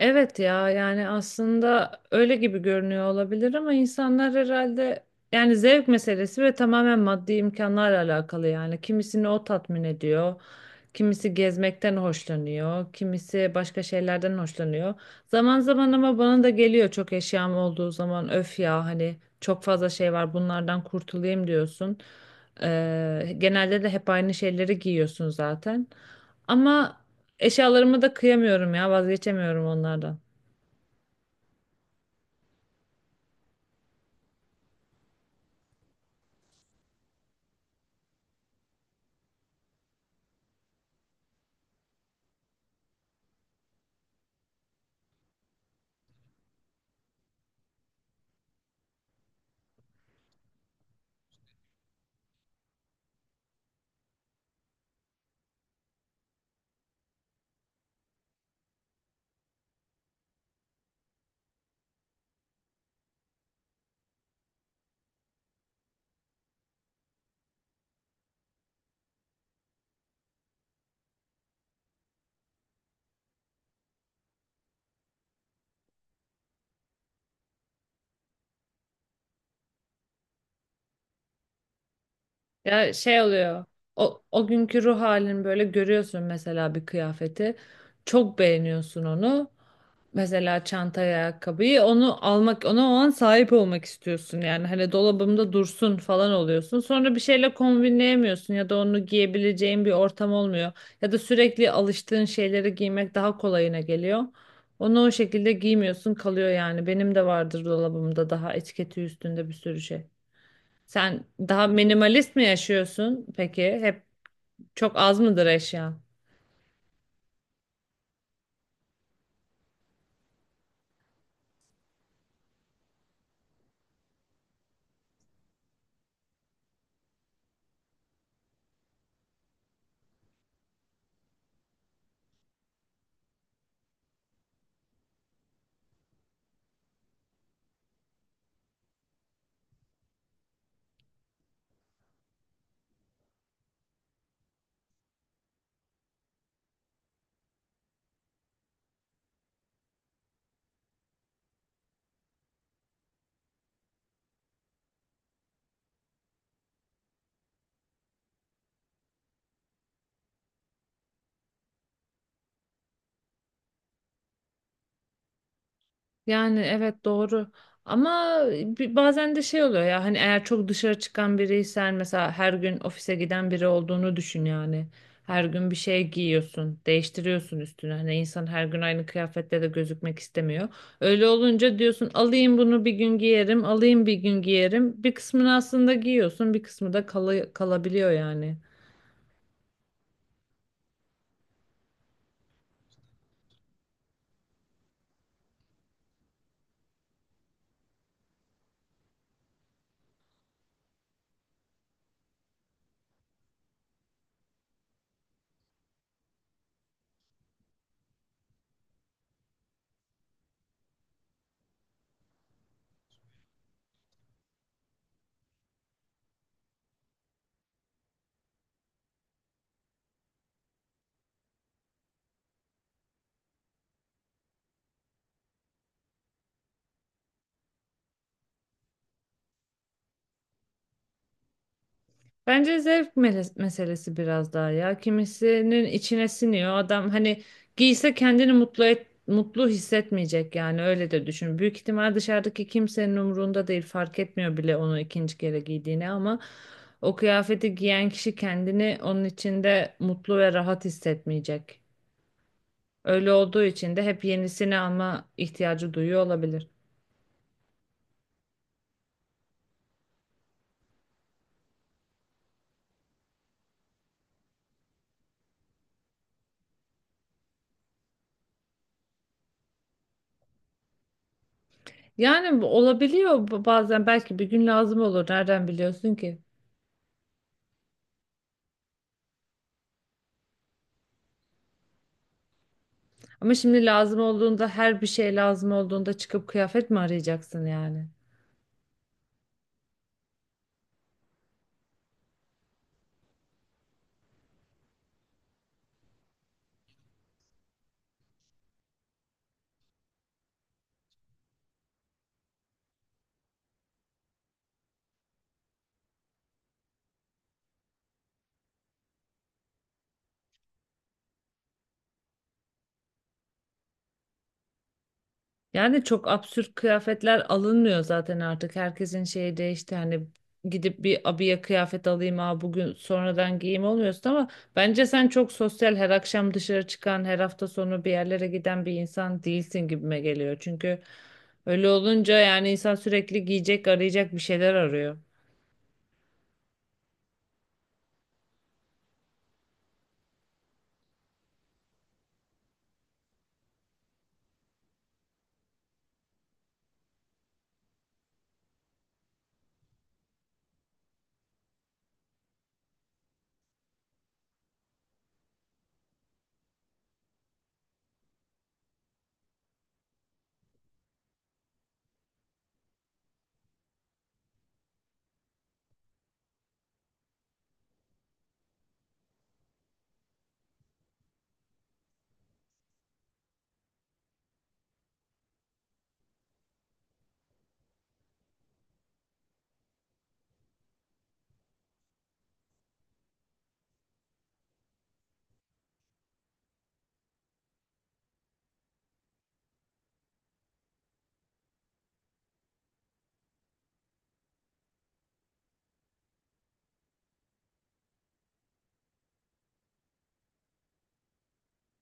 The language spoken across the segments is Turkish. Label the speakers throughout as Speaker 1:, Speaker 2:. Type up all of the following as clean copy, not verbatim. Speaker 1: Evet ya, yani aslında öyle gibi görünüyor olabilir ama insanlar herhalde yani zevk meselesi ve tamamen maddi imkanlarla alakalı yani. Kimisini o tatmin ediyor, kimisi gezmekten hoşlanıyor, kimisi başka şeylerden hoşlanıyor. Zaman zaman ama bana da geliyor, çok eşyam olduğu zaman öf ya, hani çok fazla şey var, bunlardan kurtulayım diyorsun. Genelde de hep aynı şeyleri giyiyorsun zaten. Ama eşyalarımı da kıyamıyorum ya, vazgeçemiyorum onlardan. Ya şey oluyor. O, o günkü ruh halini böyle görüyorsun mesela bir kıyafeti. Çok beğeniyorsun onu. Mesela çantaya ayakkabıyı onu almak, ona o an sahip olmak istiyorsun. Yani hani dolabımda dursun falan oluyorsun. Sonra bir şeyle kombinleyemiyorsun ya da onu giyebileceğin bir ortam olmuyor. Ya da sürekli alıştığın şeyleri giymek daha kolayına geliyor. Onu o şekilde giymiyorsun, kalıyor yani. Benim de vardır dolabımda daha etiketi üstünde bir sürü şey. Sen daha minimalist mi yaşıyorsun peki? Hep çok az mıdır eşyan? Yani evet, doğru. Ama bazen de şey oluyor ya, hani eğer çok dışarı çıkan biriysen, mesela her gün ofise giden biri olduğunu düşün yani. Her gün bir şey giyiyorsun, değiştiriyorsun üstünü. Hani insan her gün aynı kıyafetle de gözükmek istemiyor. Öyle olunca diyorsun alayım bunu bir gün giyerim, alayım bir gün giyerim. Bir kısmını aslında giyiyorsun, bir kısmı da kalabiliyor yani. Bence zevk meselesi biraz daha ya. Kimisinin içine siniyor. Adam hani giyse kendini mutlu et, mutlu hissetmeyecek yani, öyle de düşün. Büyük ihtimal dışarıdaki kimsenin umurunda değil. Fark etmiyor bile onu ikinci kere giydiğini, ama o kıyafeti giyen kişi kendini onun içinde mutlu ve rahat hissetmeyecek. Öyle olduğu için de hep yenisini alma ihtiyacı duyuyor olabilir. Yani bu olabiliyor, bazen belki bir gün lazım olur. Nereden biliyorsun ki? Ama şimdi lazım olduğunda, her bir şey lazım olduğunda çıkıp kıyafet mi arayacaksın yani? Yani çok absürt kıyafetler alınmıyor zaten artık. Herkesin şeyi değişti. Hani gidip bir abiye kıyafet alayım ha bugün sonradan giyeyim olmuyorsun, ama bence sen çok sosyal, her akşam dışarı çıkan, her hafta sonu bir yerlere giden bir insan değilsin gibime geliyor. Çünkü öyle olunca yani insan sürekli giyecek arayacak, bir şeyler arıyor.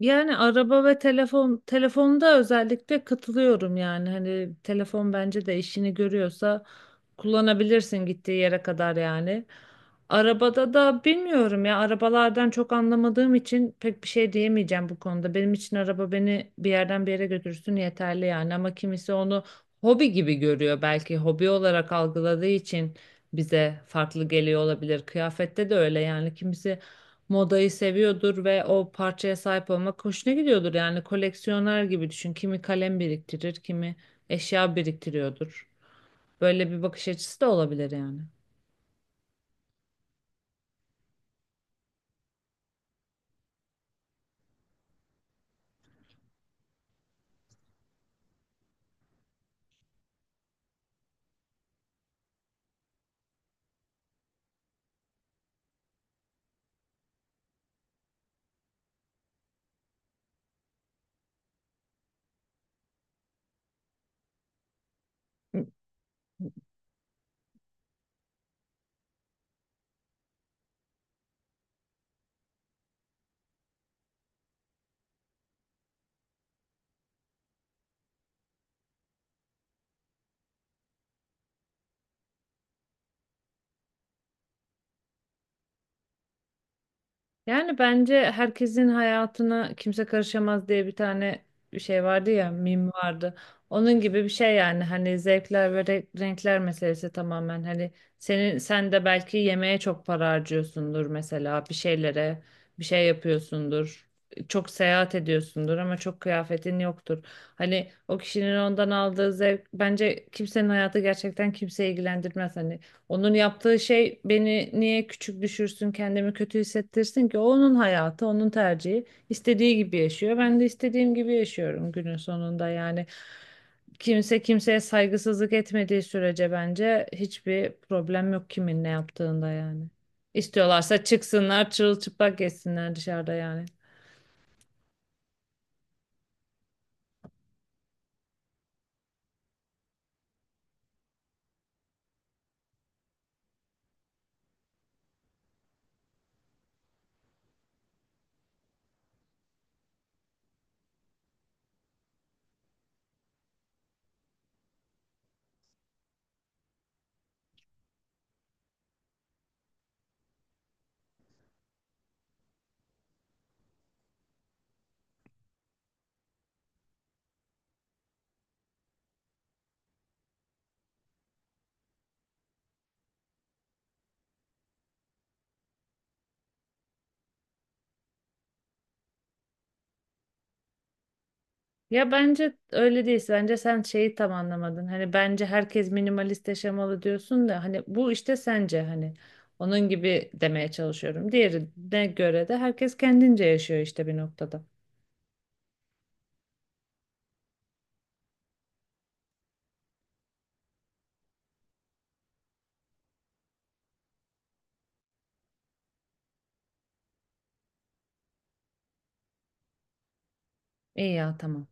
Speaker 1: Yani araba ve telefon, telefonda özellikle katılıyorum yani, hani telefon bence de işini görüyorsa kullanabilirsin, gittiği yere kadar yani. Arabada da bilmiyorum ya, arabalardan çok anlamadığım için pek bir şey diyemeyeceğim bu konuda. Benim için araba beni bir yerden bir yere götürsün yeterli yani, ama kimisi onu hobi gibi görüyor, belki hobi olarak algıladığı için bize farklı geliyor olabilir. Kıyafette de öyle yani, kimisi modayı seviyordur ve o parçaya sahip olmak hoşuna gidiyordur, yani koleksiyoner gibi düşün. Kimi kalem biriktirir, kimi eşya biriktiriyordur. Böyle bir bakış açısı da olabilir yani. Hı. Yani bence herkesin hayatına kimse karışamaz diye bir tane bir şey vardı ya, mim vardı. Onun gibi bir şey yani, hani zevkler ve renkler meselesi tamamen, hani senin sen de belki yemeğe çok para harcıyorsundur mesela, bir şeylere bir şey yapıyorsundur. Çok seyahat ediyorsundur ama çok kıyafetin yoktur. Hani o kişinin ondan aldığı zevk, bence kimsenin hayatı gerçekten kimseyi ilgilendirmez. Hani onun yaptığı şey beni niye küçük düşürsün, kendimi kötü hissettirsin ki? O onun hayatı, onun tercihi. İstediği gibi yaşıyor. Ben de istediğim gibi yaşıyorum günün sonunda. Yani kimse kimseye saygısızlık etmediği sürece bence hiçbir problem yok kimin ne yaptığında yani. İstiyorlarsa çıksınlar, çırılçıplak geçsinler dışarıda yani. Ya bence öyle değil. Bence sen şeyi tam anlamadın. Hani bence herkes minimalist yaşamalı diyorsun da, hani bu işte sence hani onun gibi demeye çalışıyorum. Diğerine göre de herkes kendince yaşıyor işte bir noktada. İyi ya, tamam.